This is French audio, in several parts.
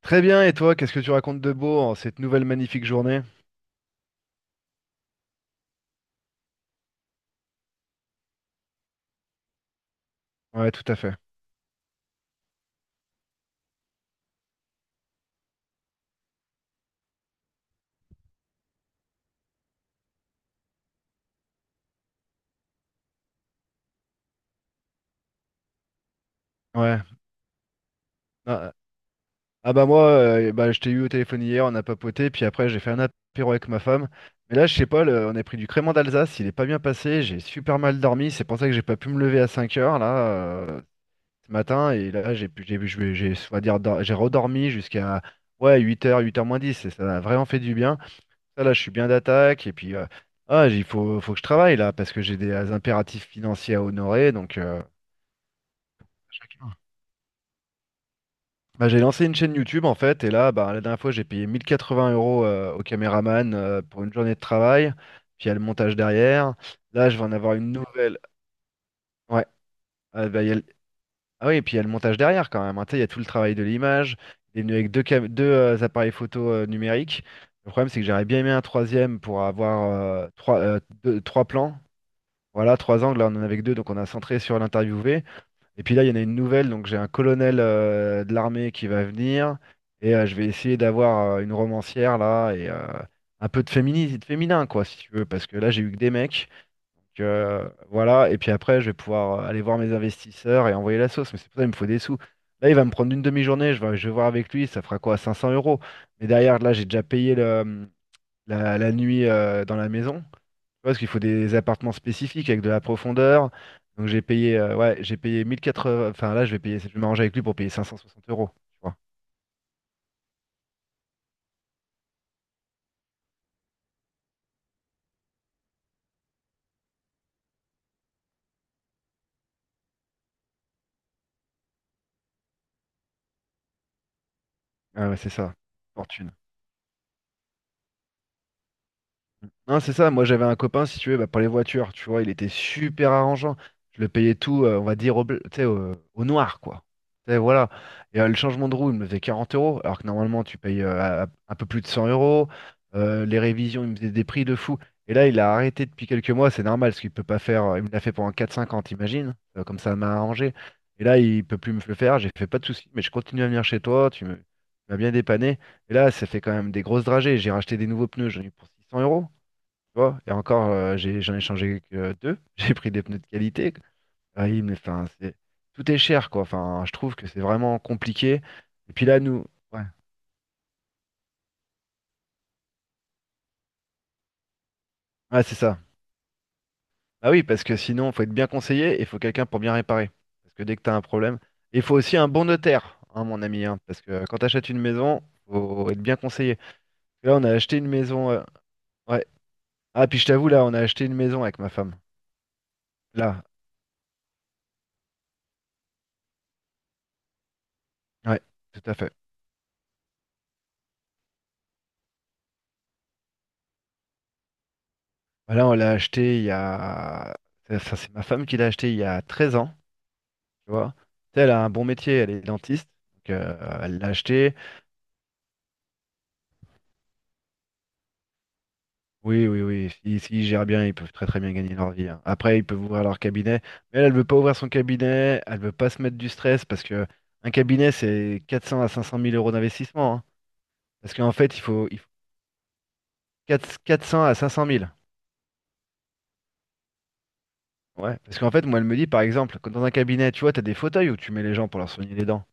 Très bien, et toi, qu'est-ce que tu racontes de beau en cette nouvelle magnifique journée? Ouais, tout à fait. Ouais. Ah, ah, bah moi, bah, je t'ai eu au téléphone hier, on a papoté, puis après j'ai fait un apéro avec ma femme. Mais là, je sais pas, on a pris du crément d'Alsace, il est pas bien passé, j'ai super mal dormi, c'est pour ça que j'ai pas pu me lever à 5 heures là, ce matin, et là on va dire j'ai redormi jusqu'à ouais 8 heures, 8 heures moins 10, et ça a vraiment fait du bien. Ça, là, je suis bien d'attaque. Et puis, faut que je travaille, là, parce que j'ai des impératifs financiers à honorer. Donc, chacun. Bah, j'ai lancé une chaîne YouTube, en fait. Et là, bah, la dernière fois, j'ai payé 1080 euros au caméraman pour une journée de travail. Puis, il y a le montage derrière. Là, je vais en avoir une nouvelle. Ouais. Ah, bah, il y a le- ah oui, et puis, il y a le montage derrière, quand même, hein. Tu sais, il y a tout le travail de l'image. Il est venu avec deux appareils photo numériques. Le problème, c'est que j'aurais bien aimé un troisième pour avoir trois plans. Voilà, trois angles, là on en avait que deux, donc on a centré sur l'interviewé. Et puis là, il y en a une nouvelle, donc j'ai un colonel de l'armée qui va venir, et je vais essayer d'avoir une romancière là, et un peu de féminisme, de féminin, quoi, si tu veux, parce que là j'ai eu que des mecs. Donc, voilà, et puis après, je vais pouvoir aller voir mes investisseurs et envoyer la sauce, mais c'est pour ça qu'il me faut des sous. Là, il va me prendre une demi-journée, je vais voir avec lui, ça fera quoi, 500 euros. Mais derrière, là, j'ai déjà payé la nuit dans la maison. Tu vois, parce qu'il faut des appartements spécifiques avec de la profondeur. Donc j'ai payé, ouais, j'ai payé 1080. Enfin là, je vais payer, je vais m'arranger avec lui pour payer 560 euros. Tu vois. Ah ouais, c'est ça. Fortune. Non, c'est ça. Moi, j'avais un copain, si tu veux, bah, pour les voitures, tu vois, il était super arrangeant. Je le payais tout, on va dire, tu sais, au noir, quoi. Tu sais, voilà. Et le changement de roue, il me faisait 40 euros, alors que normalement, tu payes un peu plus de 100 euros. Les révisions, il me faisait des prix de fou. Et là, il a arrêté depuis quelques mois, c'est normal, parce qu'il peut pas faire. Il me l'a fait pendant 4,50, imagine. Comme ça m'a arrangé. Et là, il peut plus me le faire. J'ai fait pas de soucis, mais je continue à venir chez toi. Tu m'as bien dépanné. Et là, ça fait quand même des grosses dragées. J'ai racheté des nouveaux pneus, j'en ai eu pour 600 euros. Tu vois, et encore, j'en ai changé que deux. J'ai pris des pneus de qualité. Ah oui, mais enfin, c'est tout est cher, quoi. Enfin, je trouve que c'est vraiment compliqué. Et puis là, nous, ouais, ouais, c'est ça. Ah oui, parce que sinon, faut être bien conseillé et il faut quelqu'un pour bien réparer. Parce que dès que tu as un problème, il faut aussi un bon notaire, hein, mon ami, hein, parce que quand tu achètes une maison, faut être bien conseillé. Là, on a acheté une maison. Ouais. Ah, puis je t'avoue, là, on a acheté une maison avec ma femme. Là, ouais, tout à fait. Bah là, on l'a acheté il y a. Ça, c'est ma femme qui l'a acheté il y a 13 ans, tu vois. Tu sais, elle a un bon métier, elle est dentiste. Donc, elle l'a acheté. Oui, oui, oui. Si, s'ils gèrent bien, ils peuvent très, très bien gagner leur vie, hein. Après, ils peuvent ouvrir leur cabinet. Mais elle, elle veut pas ouvrir son cabinet. Elle veut pas se mettre du stress parce que un cabinet, c'est 400 à 500 mille euros d'investissement, hein. Parce qu'en fait, il faut 4 400 à 500 mille. Ouais. Parce qu'en fait, moi, elle me dit, par exemple, quand dans un cabinet, tu vois, tu as des fauteuils où tu mets les gens pour leur soigner les dents.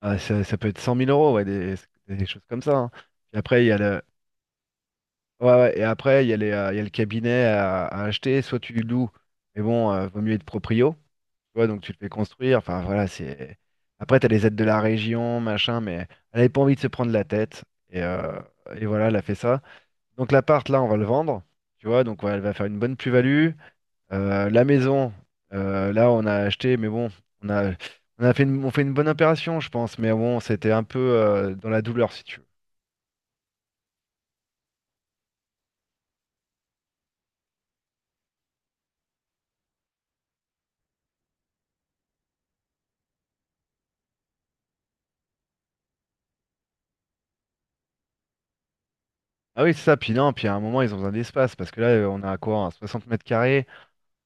Ah, ça peut être 100 000 euros, ouais, des choses comme ça, hein. Puis après, il y a le, ouais, ouais, et après, il y a le cabinet à acheter. Soit tu loues, mais bon, vaut mieux être proprio. Tu vois, donc tu le fais construire. Enfin, voilà, c'est. Après, tu as les aides de la région, machin, mais elle n'avait pas envie de se prendre la tête. Et, euh, et voilà, elle a fait ça. Donc l'appart, là, on va le vendre. Tu vois, donc ouais, elle va faire une bonne plus-value. La maison, là on a acheté, mais bon, on a, on a fait une, on fait une bonne opération, je pense, mais bon, c'était un peu dans la douleur, si tu veux. Ah oui, c'est ça, puis non, puis à un moment, ils ont besoin d'espace, parce que là, on a quoi, un 60 mètres carrés.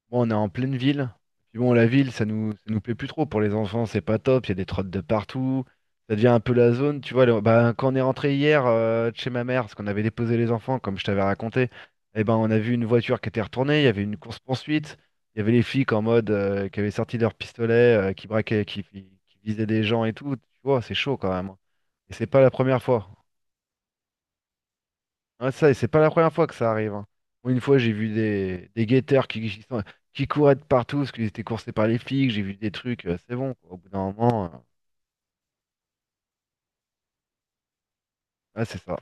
Bon, on est en pleine ville. Puis bon, la ville, ça nous plaît plus trop. Pour les enfants, c'est pas top. Il y a des trottes de partout. Ça devient un peu la zone. Tu vois, bah, quand on est rentré hier de chez ma mère, parce qu'on avait déposé les enfants, comme je t'avais raconté, eh ben, on a vu une voiture qui était retournée. Il y avait une course-poursuite. Il y avait les flics en mode qui avaient sorti leurs pistolets, qui braquaient, qui visaient des gens et tout. Tu vois, c'est chaud quand même, hein. Et c'est pas la première fois. Ouais, ça, et c'est pas la première fois que ça arrive, hein. Moi, une fois, j'ai vu des guetteurs qui couraient de partout parce qu'ils étaient coursés par les flics. J'ai vu des trucs. C'est bon, quoi. Au bout d'un moment. Ah, c'est ça.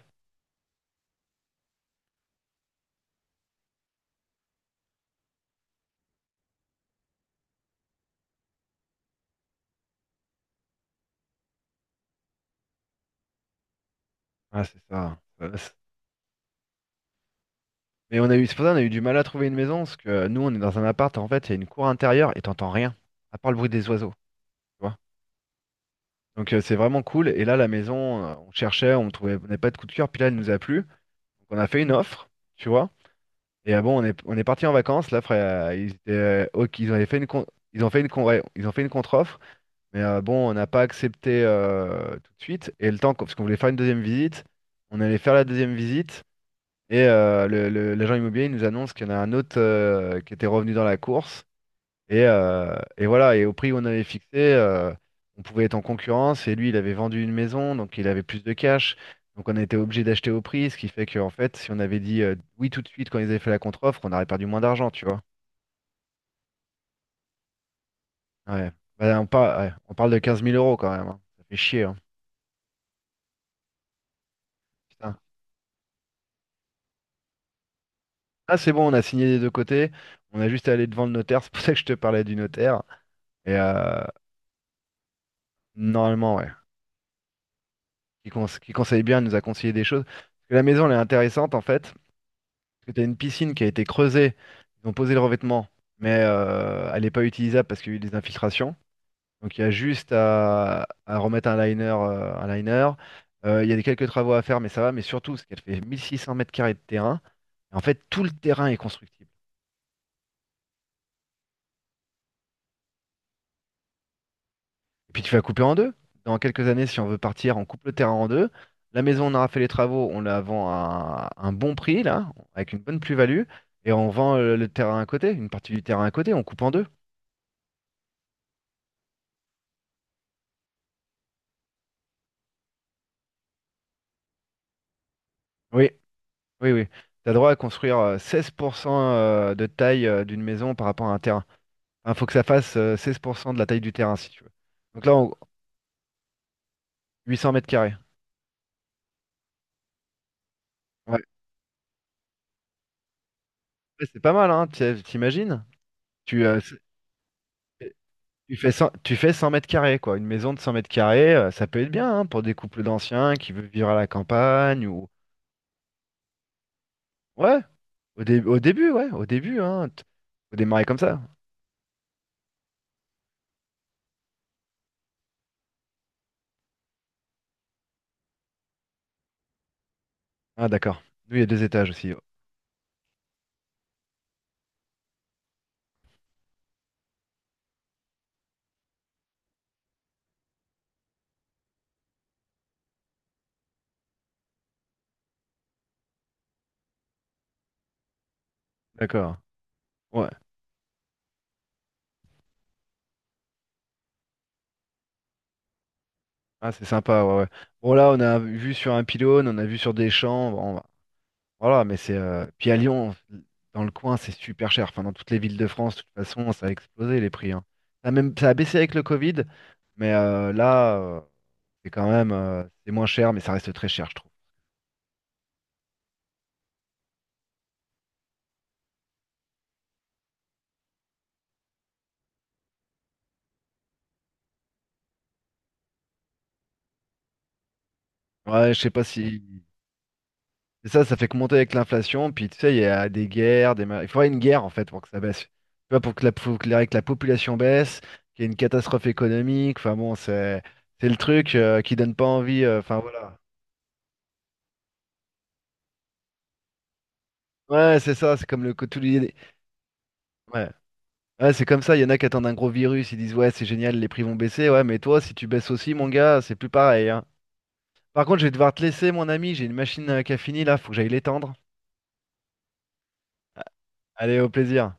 Ah, c'est ça. Ouais. Mais on a eu, c'est pour ça qu'on a eu du mal à trouver une maison parce que nous, on est dans un appart. En fait, il y a une cour intérieure et t'entends rien, à part le bruit des oiseaux. Tu vois. Donc, c'est vraiment cool. Et là, la maison, on cherchait, on trouvait, on n'avait pas de coup de cœur. Puis là, elle nous a plu. Donc, on a fait une offre, tu vois. Et ah bon, on est parti en vacances, là, frère. Ok, ils ont fait une con- ouais, ils ont fait une contre-offre, mais bon, on n'a pas accepté tout de suite. Et le temps, parce qu'on voulait faire une deuxième visite, on allait faire la deuxième visite, et l'agent immobilier il nous annonce qu'il y en a un autre qui était revenu dans la course. Et voilà, et au prix qu'on avait fixé, on pouvait être en concurrence. Et lui, il avait vendu une maison, donc il avait plus de cash. Donc on a été obligé d'acheter au prix, ce qui fait qu'en fait, si on avait dit oui tout de suite quand ils avaient fait la contre-offre, on aurait perdu moins d'argent, tu vois. Ouais. Bah, on parle de 15 000 euros quand même, hein. Ça fait chier, hein. Putain. Ah, c'est bon, on a signé des deux côtés. On a juste à aller devant le notaire. C'est pour ça que je te parlais du notaire. Et euh, Normalement, ouais. Qui conseille bien, il nous a conseillé des choses. Parce que la maison, elle est intéressante en fait. Parce que t'as une piscine qui a été creusée, ils ont posé le revêtement, mais elle n'est pas utilisable parce qu'il y a eu des infiltrations. Donc il y a juste à remettre un liner. Il y a des quelques travaux à faire, mais ça va. Mais surtout, c'est qu'elle fait 1600 mètres carrés de terrain. Et en fait, tout le terrain est constructible. Et puis tu vas couper en deux. Dans quelques années, si on veut partir, on coupe le terrain en deux. La maison, on aura fait les travaux, on la vend à un bon prix, là, avec une bonne plus-value. Et on vend le terrain à côté, une partie du terrain à côté, on coupe en deux. Oui. Oui, oui. Tu as droit à construire 16% de taille d'une maison par rapport à un terrain. Il faut que ça fasse 16% de la taille du terrain, si tu veux. Donc là, 800 mètres carrés. Ouais. Ouais, c'est pas mal, hein, t'imagines? Tu, euh, c'est- tu fais 100 mètres carrés, quoi. Une maison de 100 mètres carrés, ça peut être bien, hein, pour des couples d'anciens qui veulent vivre à la campagne ou. Ouais, au début, ouais, hein. Faut démarrer comme ça. Ah, d'accord. Nous, il y a deux étages aussi. D'accord. Ouais. Ah, c'est sympa, ouais, ouais. Bon, là, on a vu sur un pylône, on a vu sur des champs, bon, voilà, mais c'est. Puis à Lyon, dans le coin, c'est super cher. Enfin, dans toutes les villes de France, de toute façon, ça a explosé les prix, hein. Ça a même, ça a baissé avec le Covid, mais là, c'est quand même. C'est moins cher, mais ça reste très cher, je trouve. Ouais, je sais pas si. Et ça fait que monter avec l'inflation, puis tu sais, il y a des guerres, il faudrait une guerre en fait pour que ça baisse. Tu vois, pour que la, faut que la population baisse, qu'il y ait une catastrophe économique, enfin bon, c'est le truc qui donne pas envie, enfin voilà. Ouais, c'est ça, c'est comme le... co- tous les- Ouais, ouais c'est comme ça, il y en a qui attendent un gros virus, ils disent ouais, c'est génial, les prix vont baisser, ouais, mais toi, si tu baisses aussi, mon gars, c'est plus pareil, hein. Par contre, je vais devoir te laisser, mon ami, j'ai une machine qui a fini là, faut que j'aille l'étendre. Allez, au plaisir.